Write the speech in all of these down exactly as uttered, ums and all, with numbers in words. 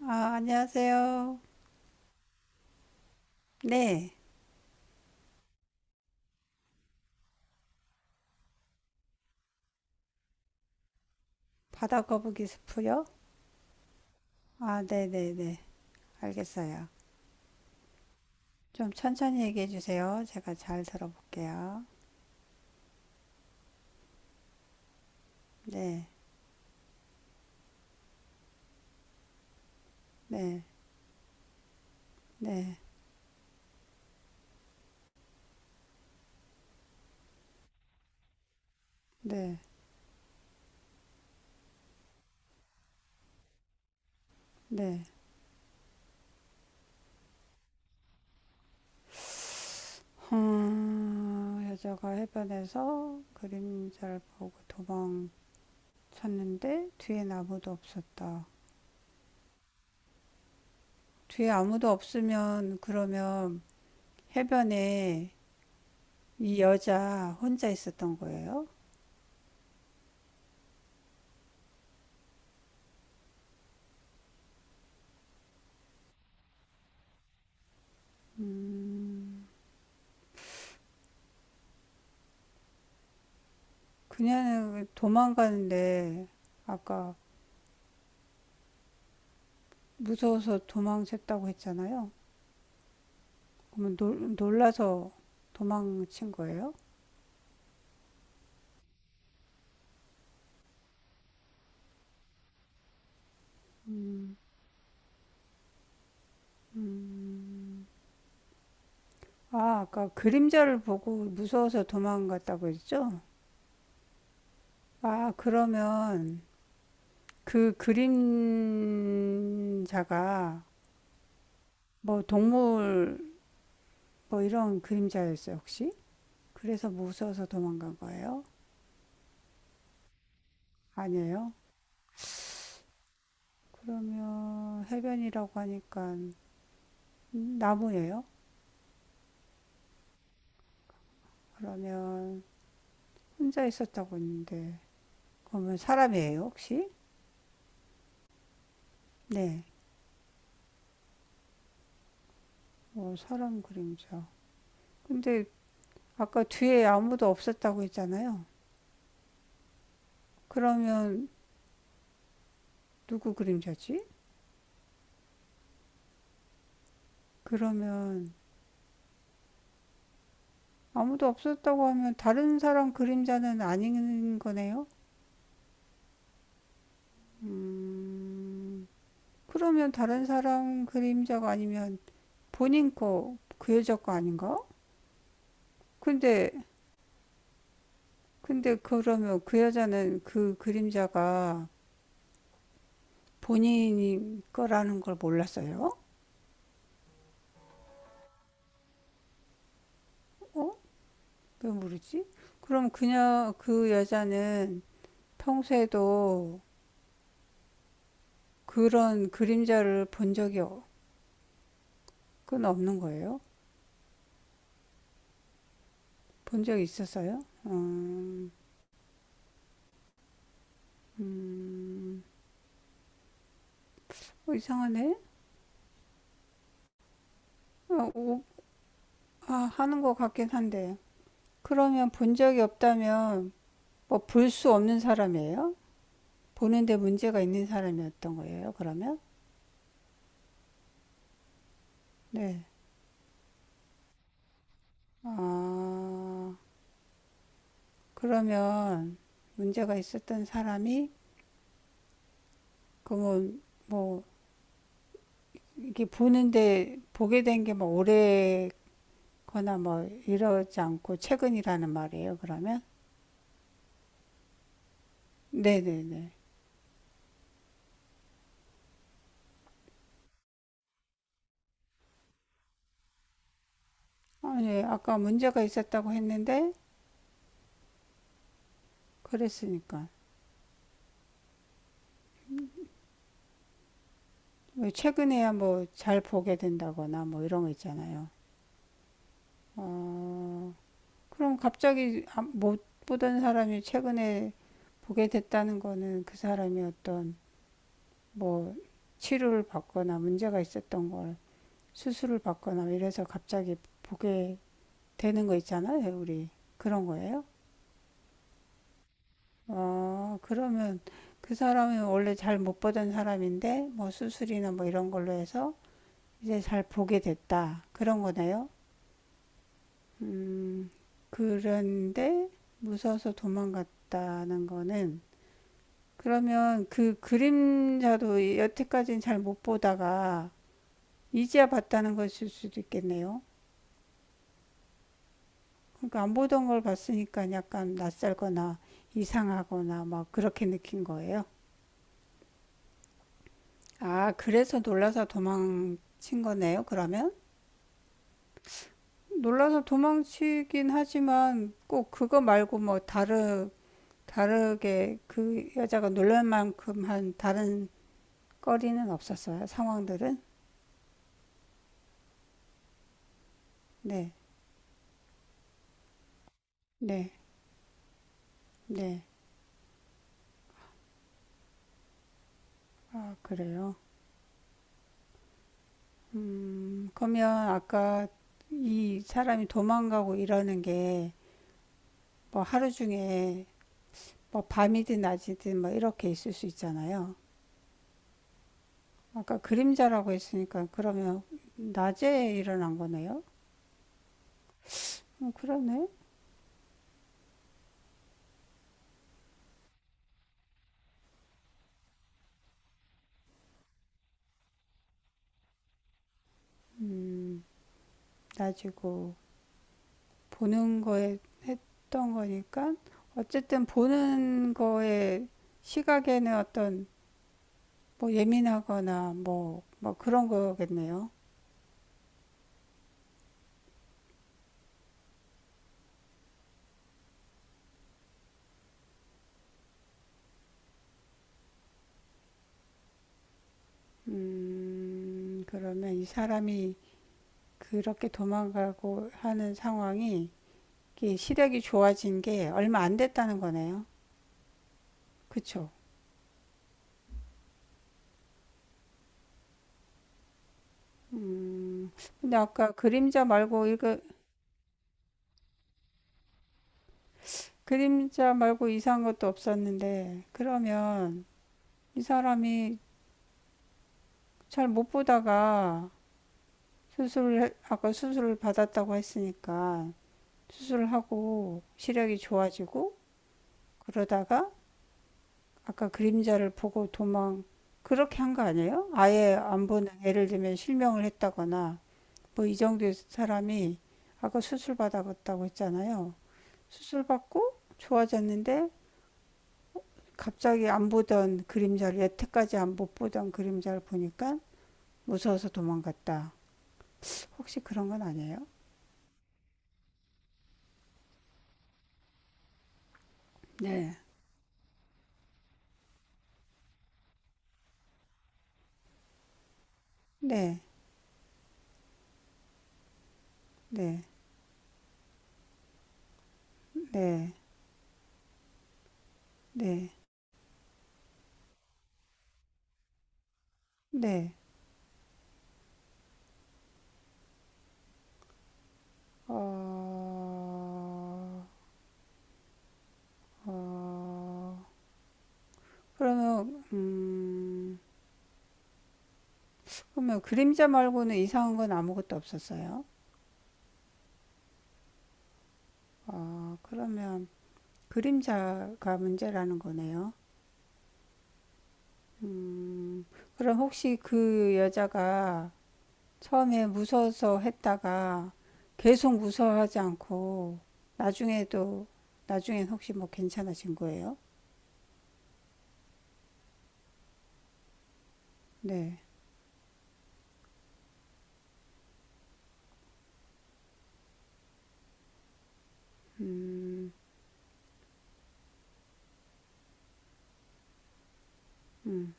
아, 안녕하세요. 네, 바다거북이 수프요? 아, 네네네. 알겠어요. 좀 천천히 얘기해 주세요. 제가 잘 들어볼게요. 네, 네, 네, 네, 네. 음, 여자가 해변에서 그림자를 보고 도망쳤는데 뒤엔 아무도 없었다. 뒤에 아무도 없으면 그러면 해변에 이 여자 혼자 있었던 거예요? 음. 그녀는 도망가는데 아까 무서워서 도망쳤다고 했잖아요. 그러면 놀, 놀라서 도망친 거예요? 음, 아, 아까 그림자를 보고 무서워서 도망갔다고 했죠? 아, 그러면 그 그림자가 뭐 동물 뭐 이런 그림자였어요, 혹시? 그래서 무서워서 도망간 거예요? 아니에요? 그러면 해변이라고 하니까 나무예요? 그러면 혼자 있었다고 했는데 그러면 사람이에요 혹시? 네. 어, 사람 그림자. 근데 아까 뒤에 아무도 없었다고 했잖아요. 그러면 누구 그림자지? 그러면 아무도 없었다고 하면 다른 사람 그림자는 아닌 거네요? 음, 그러면 다른 사람 그림자가 아니면 본인 거, 그 여자 거 아닌가? 근데, 근데 그러면 그 여자는 그 그림자가 본인 거라는 걸 몰랐어요? 어? 왜 모르지? 그럼 그녀, 그 여자는 평소에도 그런 그림자를 본 적이 어- 그건 없는 거예요? 본 적이 있었어요? 음, 음, 어, 이상하네? 어, 오- 아, 하는 것 같긴 한데. 그러면 본 적이 없다면, 뭐, 볼 수 없는 사람이에요? 보는데 문제가 있는 사람이었던 거예요, 그러면? 네. 아, 그러면 문제가 있었던 사람이 그러면 뭐 이게 보는데 보게 된 게 뭐 오래거나 뭐 이러지 않고 최근이라는 말이에요. 그러면 네네네. 아니 아까 문제가 있었다고 했는데 그랬으니까 왜 최근에야 뭐 잘 보게 된다거나 뭐 이런 거 있잖아요. 그럼 갑자기 아- 못 보던 사람이 최근에 보게 됐다는 거는 그 사람이 어떤 뭐 치료를 받거나 문제가 있었던 걸 수술을 받거나 이래서 갑자기 보게 되는 거 있잖아요, 우리. 그런 거예요? 어, 그러면 그 사람이 원래 잘 못 보던 사람인데, 뭐 수술이나 뭐 이런 걸로 해서 이제 잘 보게 됐다. 그런 거네요? 음, 그런데 무서워서 도망갔다는 거는, 그러면 그 그림자도 여태까지는 잘 못 보다가 이제야 봤다는 것일 수도 있겠네요. 그러니까 안 보던 걸 봤으니까 약간 낯설거나 이상하거나 막 그렇게 느낀 거예요. 아, 그래서 놀라서 도망친 거네요, 그러면? 놀라서 도망치긴 하지만 꼭 그거 말고 뭐 다르, 다르게 그 여자가 놀랄 만큼 한 다른 거리는 없었어요, 상황들은? 네, 네, 네. 아, 그래요. 음, 그러면 아까 이 사람이 도망가고 이러는 게 뭐 하루 중에 뭐 밤이든 낮이든 뭐 이렇게 있을 수 있잖아요. 아까 그림자라고 했으니까 그러면 낮에 일어난 거네요. 음, 그러네. 낮이고 보는 거에 던 거니까 어쨌든 보는 거에 시각에는 어떤 뭐 예민하거나 뭐, 뭐 그런 거겠네요. 음, 그러면 이 사람이 그렇게 도망가고 하는 상황이 시력이 좋아진 게 얼마 안 됐다는 거네요. 그쵸? 음, 근데 아까 그림자 말고, 이거, 그림자 말고 이상한 것도 없었는데, 그러면 이 사람이 잘 못 보다가 수술을, 해- 아까 수술을 받았다고 했으니까, 수술을 하고 시력이 좋아지고, 그러다가 아까 그림자를 보고 도망, 그렇게 한 거 아니에요? 아예 안 보는, 예를 들면 실명을 했다거나, 뭐 이 정도의 사람이 아까 수술 받았다고 했잖아요. 수술 받고 좋아졌는데, 갑자기 안 보던 그림자를 여태까지 안 못 보던 그림자를 보니까 무서워서 도망갔다. 혹시 그런 건 아니에요? 네. 네, 네, 네, 네, 네. 어, 어, 그러면, 음, 그러면 그림자 말고는 이상한 건 아무것도 없었어요. 어, 그러면 그림자가 문제라는 거네요. 그럼 혹시 그 여자가 처음에 무서워서 했다가 계속 무서워하지 않고 나중에도 나중엔 혹시 뭐 괜찮아진 거예요? 네. 음. 음.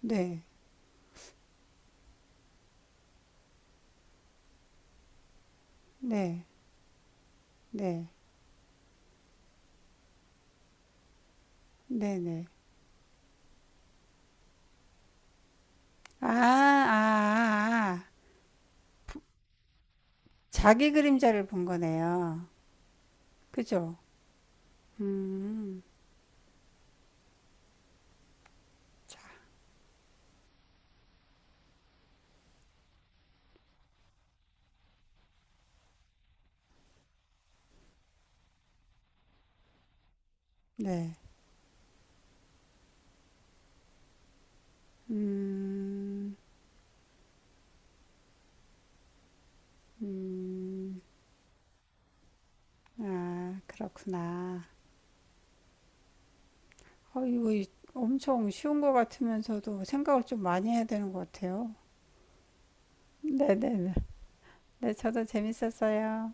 네. 네. 네. 네, 네. 아, 아, 아. 아. 자기 그림자를 본 거네요. 그죠? 음. 네. 음. 음. 아, 그렇구나. 어, 이거 이- 엄청 쉬운 것 같으면서도 생각을 좀 많이 해야 되는 것 같아요. 네네네. 네, 네. 네, 저도 재밌었어요.